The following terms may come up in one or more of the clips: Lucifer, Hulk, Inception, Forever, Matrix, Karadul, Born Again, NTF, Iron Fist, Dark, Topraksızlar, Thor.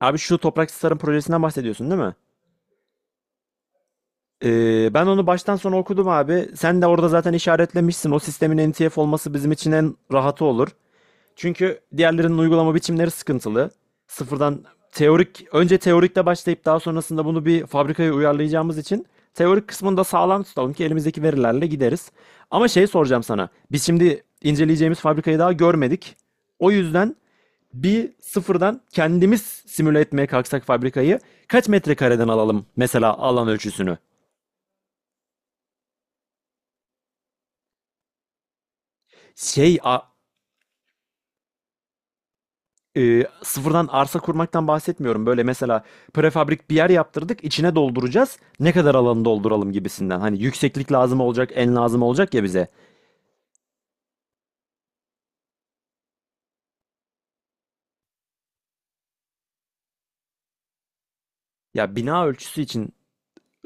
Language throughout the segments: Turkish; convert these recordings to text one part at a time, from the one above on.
Abi şu Topraksızlar'ın projesinden bahsediyorsun değil mi? Ben onu baştan sona okudum abi. Sen de orada zaten işaretlemişsin. O sistemin NTF olması bizim için en rahatı olur. Çünkü diğerlerinin uygulama biçimleri sıkıntılı. Sıfırdan teorik, önce teorikle başlayıp daha sonrasında bunu bir fabrikaya uyarlayacağımız için teorik kısmını da sağlam tutalım ki elimizdeki verilerle gideriz. Ama şey soracağım sana. Biz şimdi inceleyeceğimiz fabrikayı daha görmedik. O yüzden bir sıfırdan kendimiz simüle etmeye kalksak fabrikayı, kaç metrekareden alalım mesela alan ölçüsünü? Şey a- Sıfırdan arsa kurmaktan bahsetmiyorum. Böyle mesela prefabrik bir yer yaptırdık, içine dolduracağız. Ne kadar alanı dolduralım gibisinden. Hani yükseklik lazım olacak, en lazım olacak ya bize. Ya bina ölçüsü için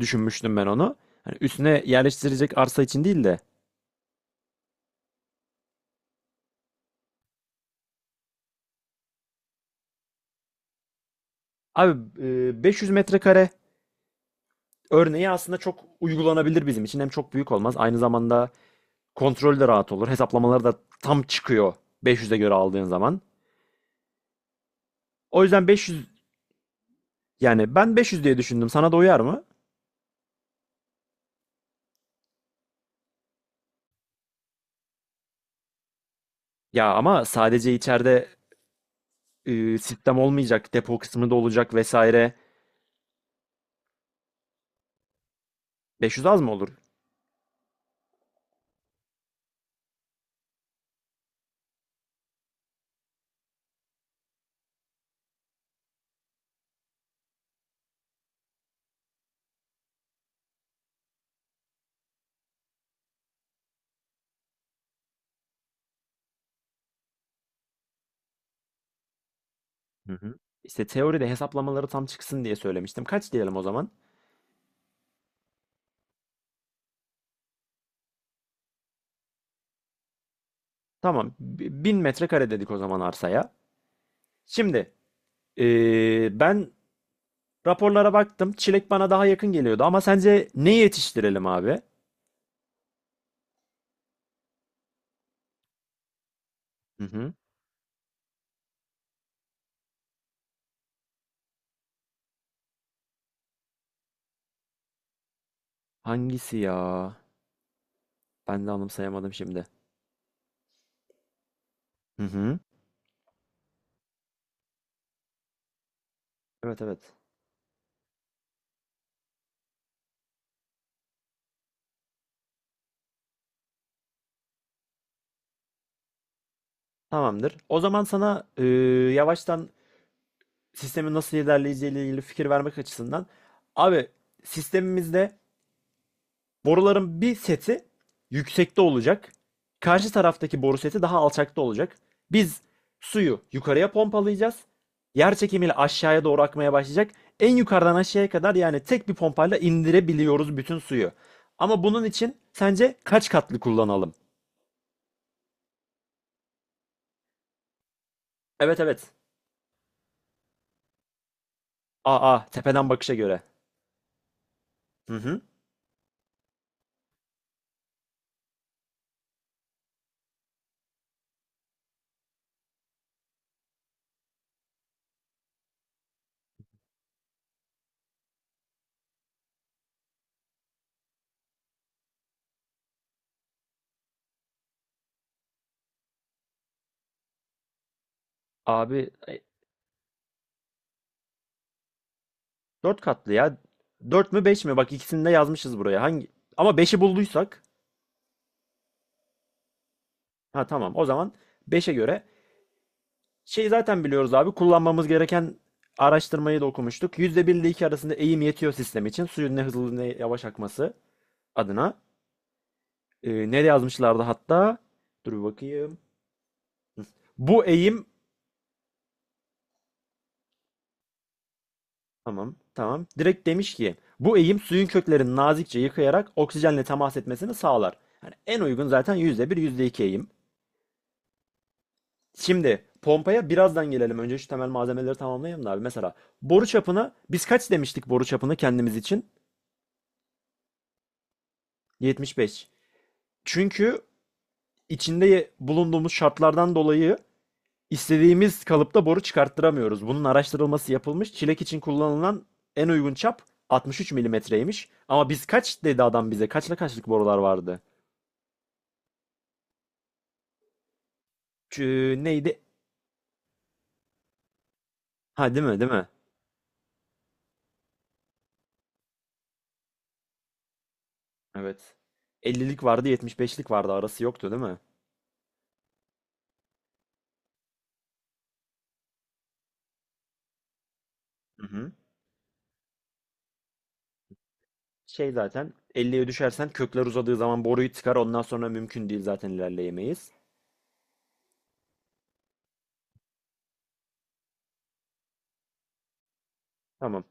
düşünmüştüm ben onu. Hani üstüne yerleştirecek arsa için değil de. Abi, 500 metrekare örneği aslında çok uygulanabilir bizim için. Hem çok büyük olmaz. Aynı zamanda kontrolü de rahat olur. Hesaplamaları da tam çıkıyor 500'e göre aldığın zaman. O yüzden 500, yani ben 500 diye düşündüm. Sana da uyar mı? Ya ama sadece içeride sistem olmayacak, depo kısmı da olacak vesaire. 500 az mı olur? Hı hı. İşte teoride hesaplamaları tam çıksın diye söylemiştim. Kaç diyelim o zaman? Tamam. 1000 metrekare dedik o zaman arsaya. Şimdi ben raporlara baktım. Çilek bana daha yakın geliyordu ama sence ne yetiştirelim abi? Hı hı. Hangisi ya? Ben de anımsayamadım şimdi. Hı hı. Evet evet. Tamamdır. O zaman sana yavaştan sistemin nasıl ilerleyeceğiyle ilgili fikir vermek açısından abi, sistemimizde boruların bir seti yüksekte olacak. Karşı taraftaki boru seti daha alçakta olacak. Biz suyu yukarıya pompalayacağız. Yer çekimiyle aşağıya doğru akmaya başlayacak. En yukarıdan aşağıya kadar yani tek bir pompayla indirebiliyoruz bütün suyu. Ama bunun için sence kaç katlı kullanalım? Evet evet. Aa, tepeden bakışa göre. Hı hı. Abi, 4 katlı ya. Dört mü 5 mi? Bak ikisini de yazmışız buraya. Hangi? Ama beşi bulduysak. Ha, tamam. O zaman beşe göre şey, zaten biliyoruz abi, kullanmamız gereken araştırmayı da okumuştuk. Yüzde bir ile 2 arasında eğim yetiyor sistem için. Suyun ne hızlı ne yavaş akması adına. Nereye yazmışlardı hatta? Dur bir bakayım. Bu eğim, tamam tamam. Direkt demiş ki bu eğim suyun köklerini nazikçe yıkayarak oksijenle temas etmesini sağlar. Yani en uygun zaten yüzde bir %2 eğim. Şimdi pompaya birazdan gelelim. Önce şu temel malzemeleri tamamlayalım da abi. Mesela boru çapına biz kaç demiştik, boru çapını kendimiz için? 75. Çünkü içinde bulunduğumuz şartlardan dolayı istediğimiz kalıpta boru çıkarttıramıyoruz. Bunun araştırılması yapılmış. Çilek için kullanılan en uygun çap 63 milimetreymiş. Ama biz kaç dedi adam bize? Kaçla kaçlık borular vardı? Neydi? Ha, değil mi? Değil mi? Evet. 50'lik vardı, 75'lik vardı. Arası yoktu değil mi? Hı hı. Şey, zaten 50'ye düşersen kökler uzadığı zaman boruyu tıkar. Ondan sonra mümkün değil, zaten ilerleyemeyiz. Tamam.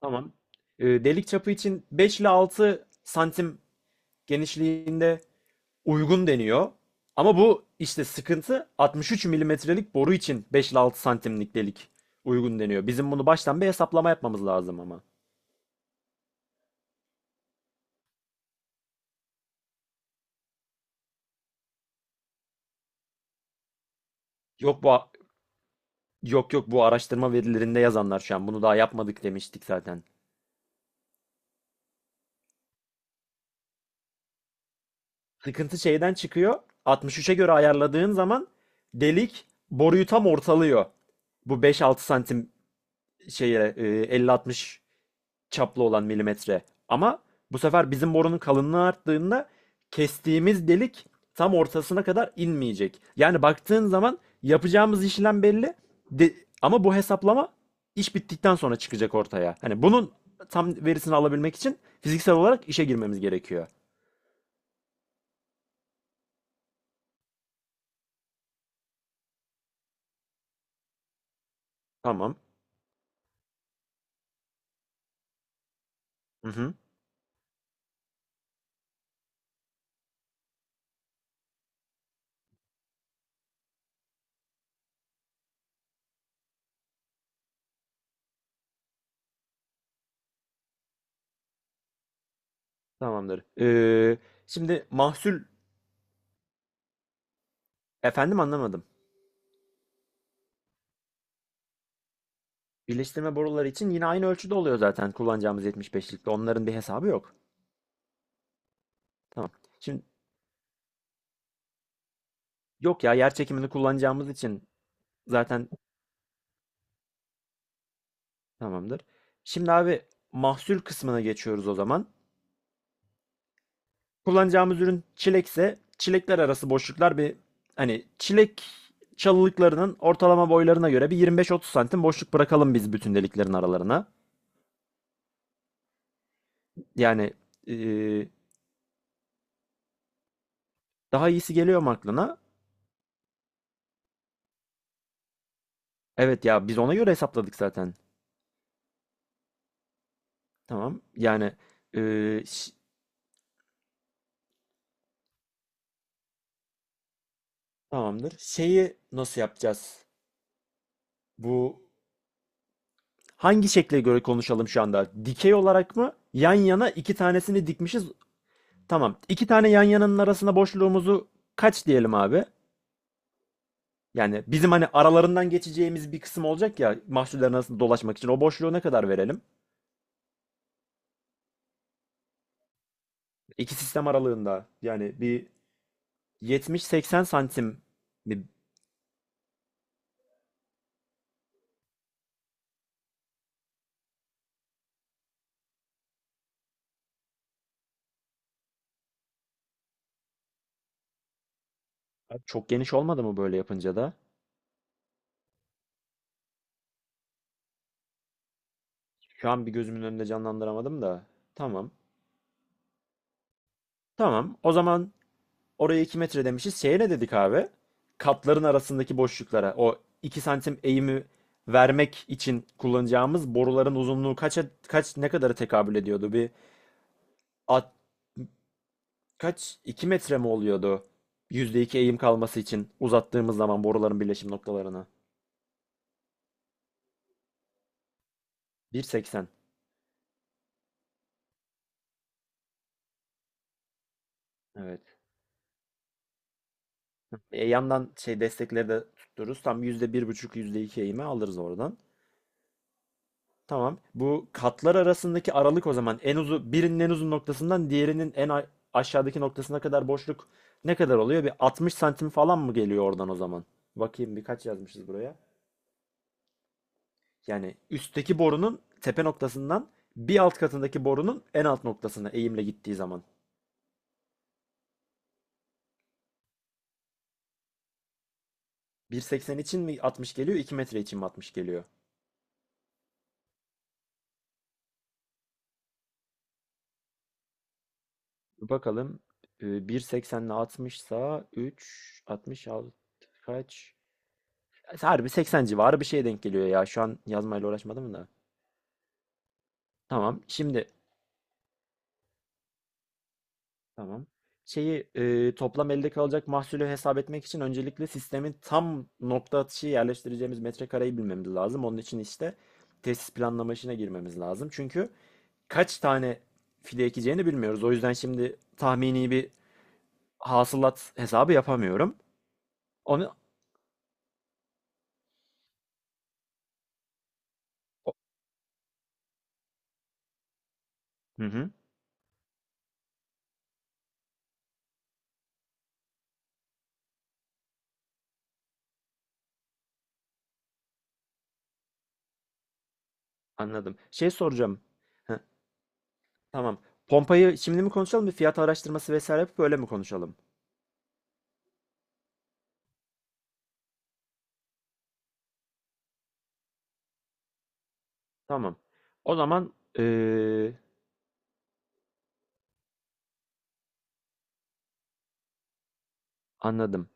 Tamam. Delik çapı için 5 ile 6 santim genişliğinde uygun deniyor. Ama bu işte sıkıntı, 63 milimetrelik boru için 5 ile 6 santimlik delik uygun deniyor. Bizim bunu baştan bir hesaplama yapmamız lazım ama. Yok bu Yok yok, bu araştırma verilerinde yazanlar şu an, bunu daha yapmadık demiştik zaten. Sıkıntı şeyden çıkıyor. 63'e göre ayarladığın zaman delik boruyu tam ortalıyor. Bu 5-6 santim şeye, 50-60 çaplı olan milimetre. Ama bu sefer bizim borunun kalınlığı arttığında kestiğimiz delik tam ortasına kadar inmeyecek. Yani baktığın zaman yapacağımız işlem belli. De- Ama bu hesaplama iş bittikten sonra çıkacak ortaya. Hani bunun tam verisini alabilmek için fiziksel olarak işe girmemiz gerekiyor. Tamam. Hı hı. Tamamdır. Şimdi mahsul... Efendim, anlamadım. Birleştirme boruları için yine aynı ölçüde oluyor zaten kullanacağımız 75'likte. Onların bir hesabı yok. Tamam. Şimdi... Yok ya, yer çekimini kullanacağımız için zaten tamamdır. Şimdi abi, mahsul kısmına geçiyoruz o zaman. Kullanacağımız ürün çilekse, çilekler arası boşluklar bir hani çilek çalılıklarının ortalama boylarına göre bir 25-30 santim boşluk bırakalım biz bütün deliklerin aralarına. Yani eee, daha iyisi geliyor mu aklına? Evet ya, biz ona göre hesapladık zaten. Tamam yani, eee, ş- tamamdır. Şeyi nasıl yapacağız? Bu... hangi şekle göre konuşalım şu anda? Dikey olarak mı? Yan yana iki tanesini dikmişiz. Tamam. İki tane yan yananın arasına boşluğumuzu kaç diyelim abi? Yani bizim hani aralarından geçeceğimiz bir kısım olacak ya mahsullerin arasında dolaşmak için. O boşluğu ne kadar verelim? İki sistem aralığında yani bir 70-80 santim mi? Abi, çok geniş olmadı mı böyle yapınca da? Şu an bir gözümün önünde canlandıramadım da. Tamam. Tamam. O zaman oraya 2 metre demişiz. Şeye ne dedik abi? Katların arasındaki boşluklara. O 2 santim eğimi vermek için kullanacağımız boruların uzunluğu kaça, kaç, ne kadara tekabül ediyordu? Bir at, kaç, 2 metre mi oluyordu? Yüzde iki eğim kalması için uzattığımız zaman boruların birleşim noktalarını. 1.80. Evet. Yandan şey destekleri de tuttururuz. Tam yüzde bir buçuk %2 eğimi alırız oradan. Tamam. Bu katlar arasındaki aralık o zaman en uzun birinin en uzun noktasından diğerinin aşağıdaki noktasına kadar boşluk ne kadar oluyor? Bir 60 santim falan mı geliyor oradan o zaman? Bakayım birkaç yazmışız buraya. Yani üstteki borunun tepe noktasından bir alt katındaki borunun en alt noktasına eğimle gittiği zaman. 1.80 için mi 60 geliyor, 2 metre için mi 60 geliyor? Bakalım. 1.80 ile 60 sa 3, 66 kaç? Harbi 80 civarı bir şeye denk geliyor ya. Şu an yazmayla uğraşmadım da. Tamam. Şimdi, tamam. Şeyi, toplam elde kalacak mahsulü hesap etmek için öncelikle sistemin tam nokta atışı yerleştireceğimiz metrekareyi bilmemiz lazım. Onun için işte tesis planlama işine girmemiz lazım. Çünkü kaç tane fide ekeceğini bilmiyoruz. O yüzden şimdi tahmini bir hasılat hesabı yapamıyorum. Onu o- Hı hı, anladım. Şey soracağım. Heh, tamam. Pompayı şimdi mi konuşalım, bir fiyat araştırması vesaire yapıp öyle mi konuşalım? Tamam. O zaman eee, anladım.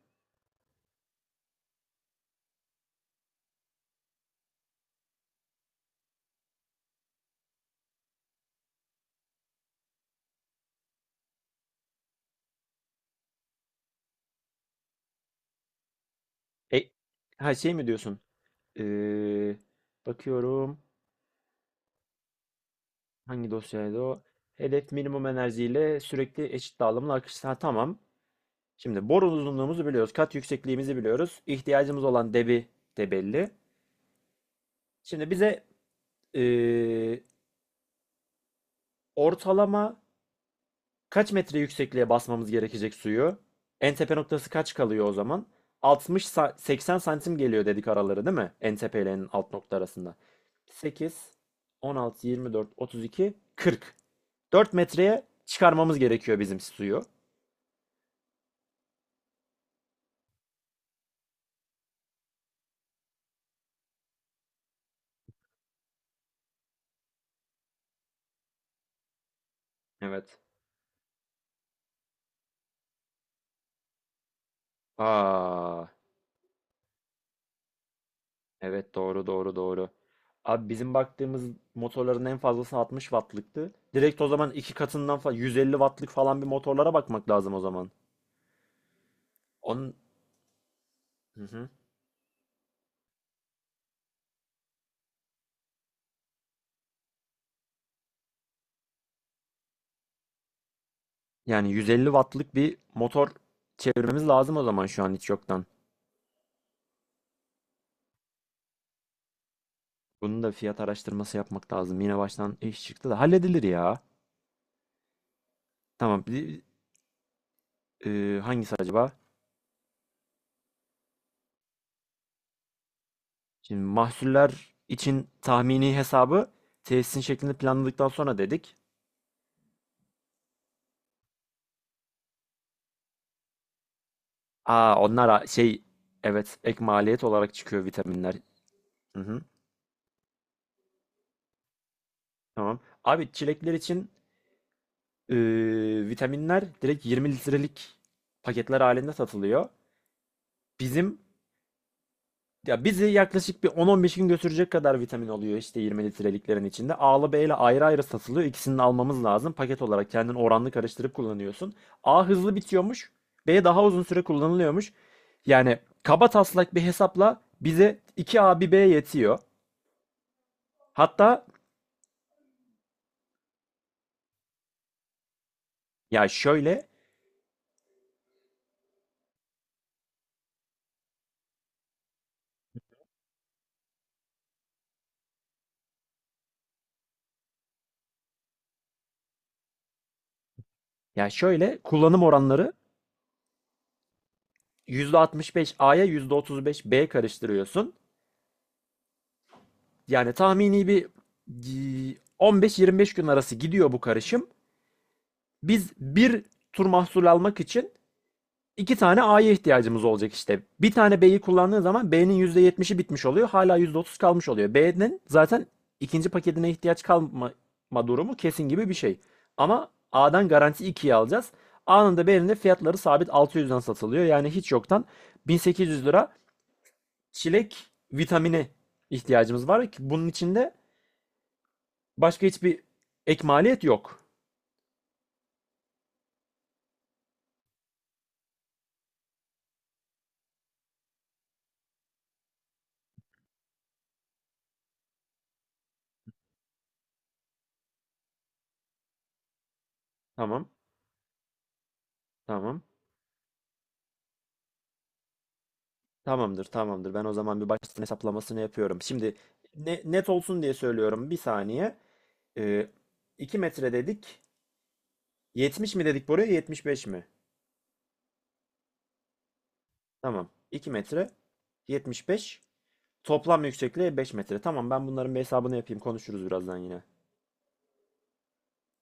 E, ha, şey mi diyorsun? Eee, Bakıyorum hangi dosyaydı o? Hedef minimum enerjiyle sürekli eşit dağılımlı akış. Ha, tamam. Şimdi boru uzunluğumuzu biliyoruz. Kat yüksekliğimizi biliyoruz. İhtiyacımız olan debi de belli. Şimdi bize eee, ortalama kaç metre yüksekliğe basmamız gerekecek suyu? En tepe noktası kaç kalıyor o zaman? 80 santim geliyor dedik araları değil mi? En tepe ile en alt nokta arasında. 8, 16, 24, 32, 40. 4 metreye çıkarmamız gerekiyor bizim suyu. Evet. Aa, evet. Doğru, doğru, doğru. Abi bizim baktığımız motorların en fazlası 60 wattlıktı. Direkt o zaman iki katından falan 150 wattlık falan bir motorlara bakmak lazım o zaman. Onun... Hı hı. Yani 150 wattlık bir motor çevirmemiz lazım o zaman şu an hiç yoktan. Bunun da fiyat araştırması yapmak lazım. Yine baştan iş çıktı da halledilir ya. Tamam. Hangisi acaba? Şimdi mahsuller için tahmini hesabı tesisin şeklini planladıktan sonra dedik. Aa, onlar a- şey evet, ek maliyet olarak çıkıyor vitaminler. Hı hı, tamam. Abi, çilekler için e, vitaminler direkt 20 litrelik paketler halinde satılıyor. Bizim... ya bizi yaklaşık bir 10-15 gün götürecek kadar vitamin oluyor işte 20 litreliklerin içinde. A'lı B'yle ayrı ayrı satılıyor. İkisini de almamız lazım. Paket olarak kendin oranlı karıştırıp kullanıyorsun. A hızlı bitiyormuş. B daha uzun süre kullanılıyormuş. Yani kaba taslak bir hesapla bize iki a bir B yetiyor. Hatta ya şöyle ya şöyle, kullanım oranları %65 A'ya %35 B karıştırıyorsun. Yani tahmini bir 15-25 gün arası gidiyor bu karışım. Biz bir tur mahsul almak için iki tane A'ya ihtiyacımız olacak işte. Bir tane B'yi kullandığın zaman B'nin %70'i bitmiş oluyor. Hala %30 kalmış oluyor. B'nin zaten ikinci paketine ihtiyaç kalma durumu kesin gibi bir şey. Ama A'dan garanti 2'yi alacağız. A'nın da B'nin de fiyatları sabit 600'den satılıyor. Yani hiç yoktan 1.800 lira çilek vitamini ihtiyacımız var ki bunun içinde başka hiçbir ek maliyet yok. Tamam, tamam. Tamamdır, tamamdır. Ben o zaman bir baştan hesaplamasını yapıyorum. Şimdi net olsun diye söylüyorum. Bir saniye. Ee, 2 metre dedik. 70 mi dedik buraya? 75 mi? Tamam. 2 metre. 75. Toplam yüksekliği 5 metre. Tamam, ben bunların bir hesabını yapayım. Konuşuruz birazdan yine.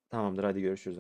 Tamamdır, hadi görüşürüz.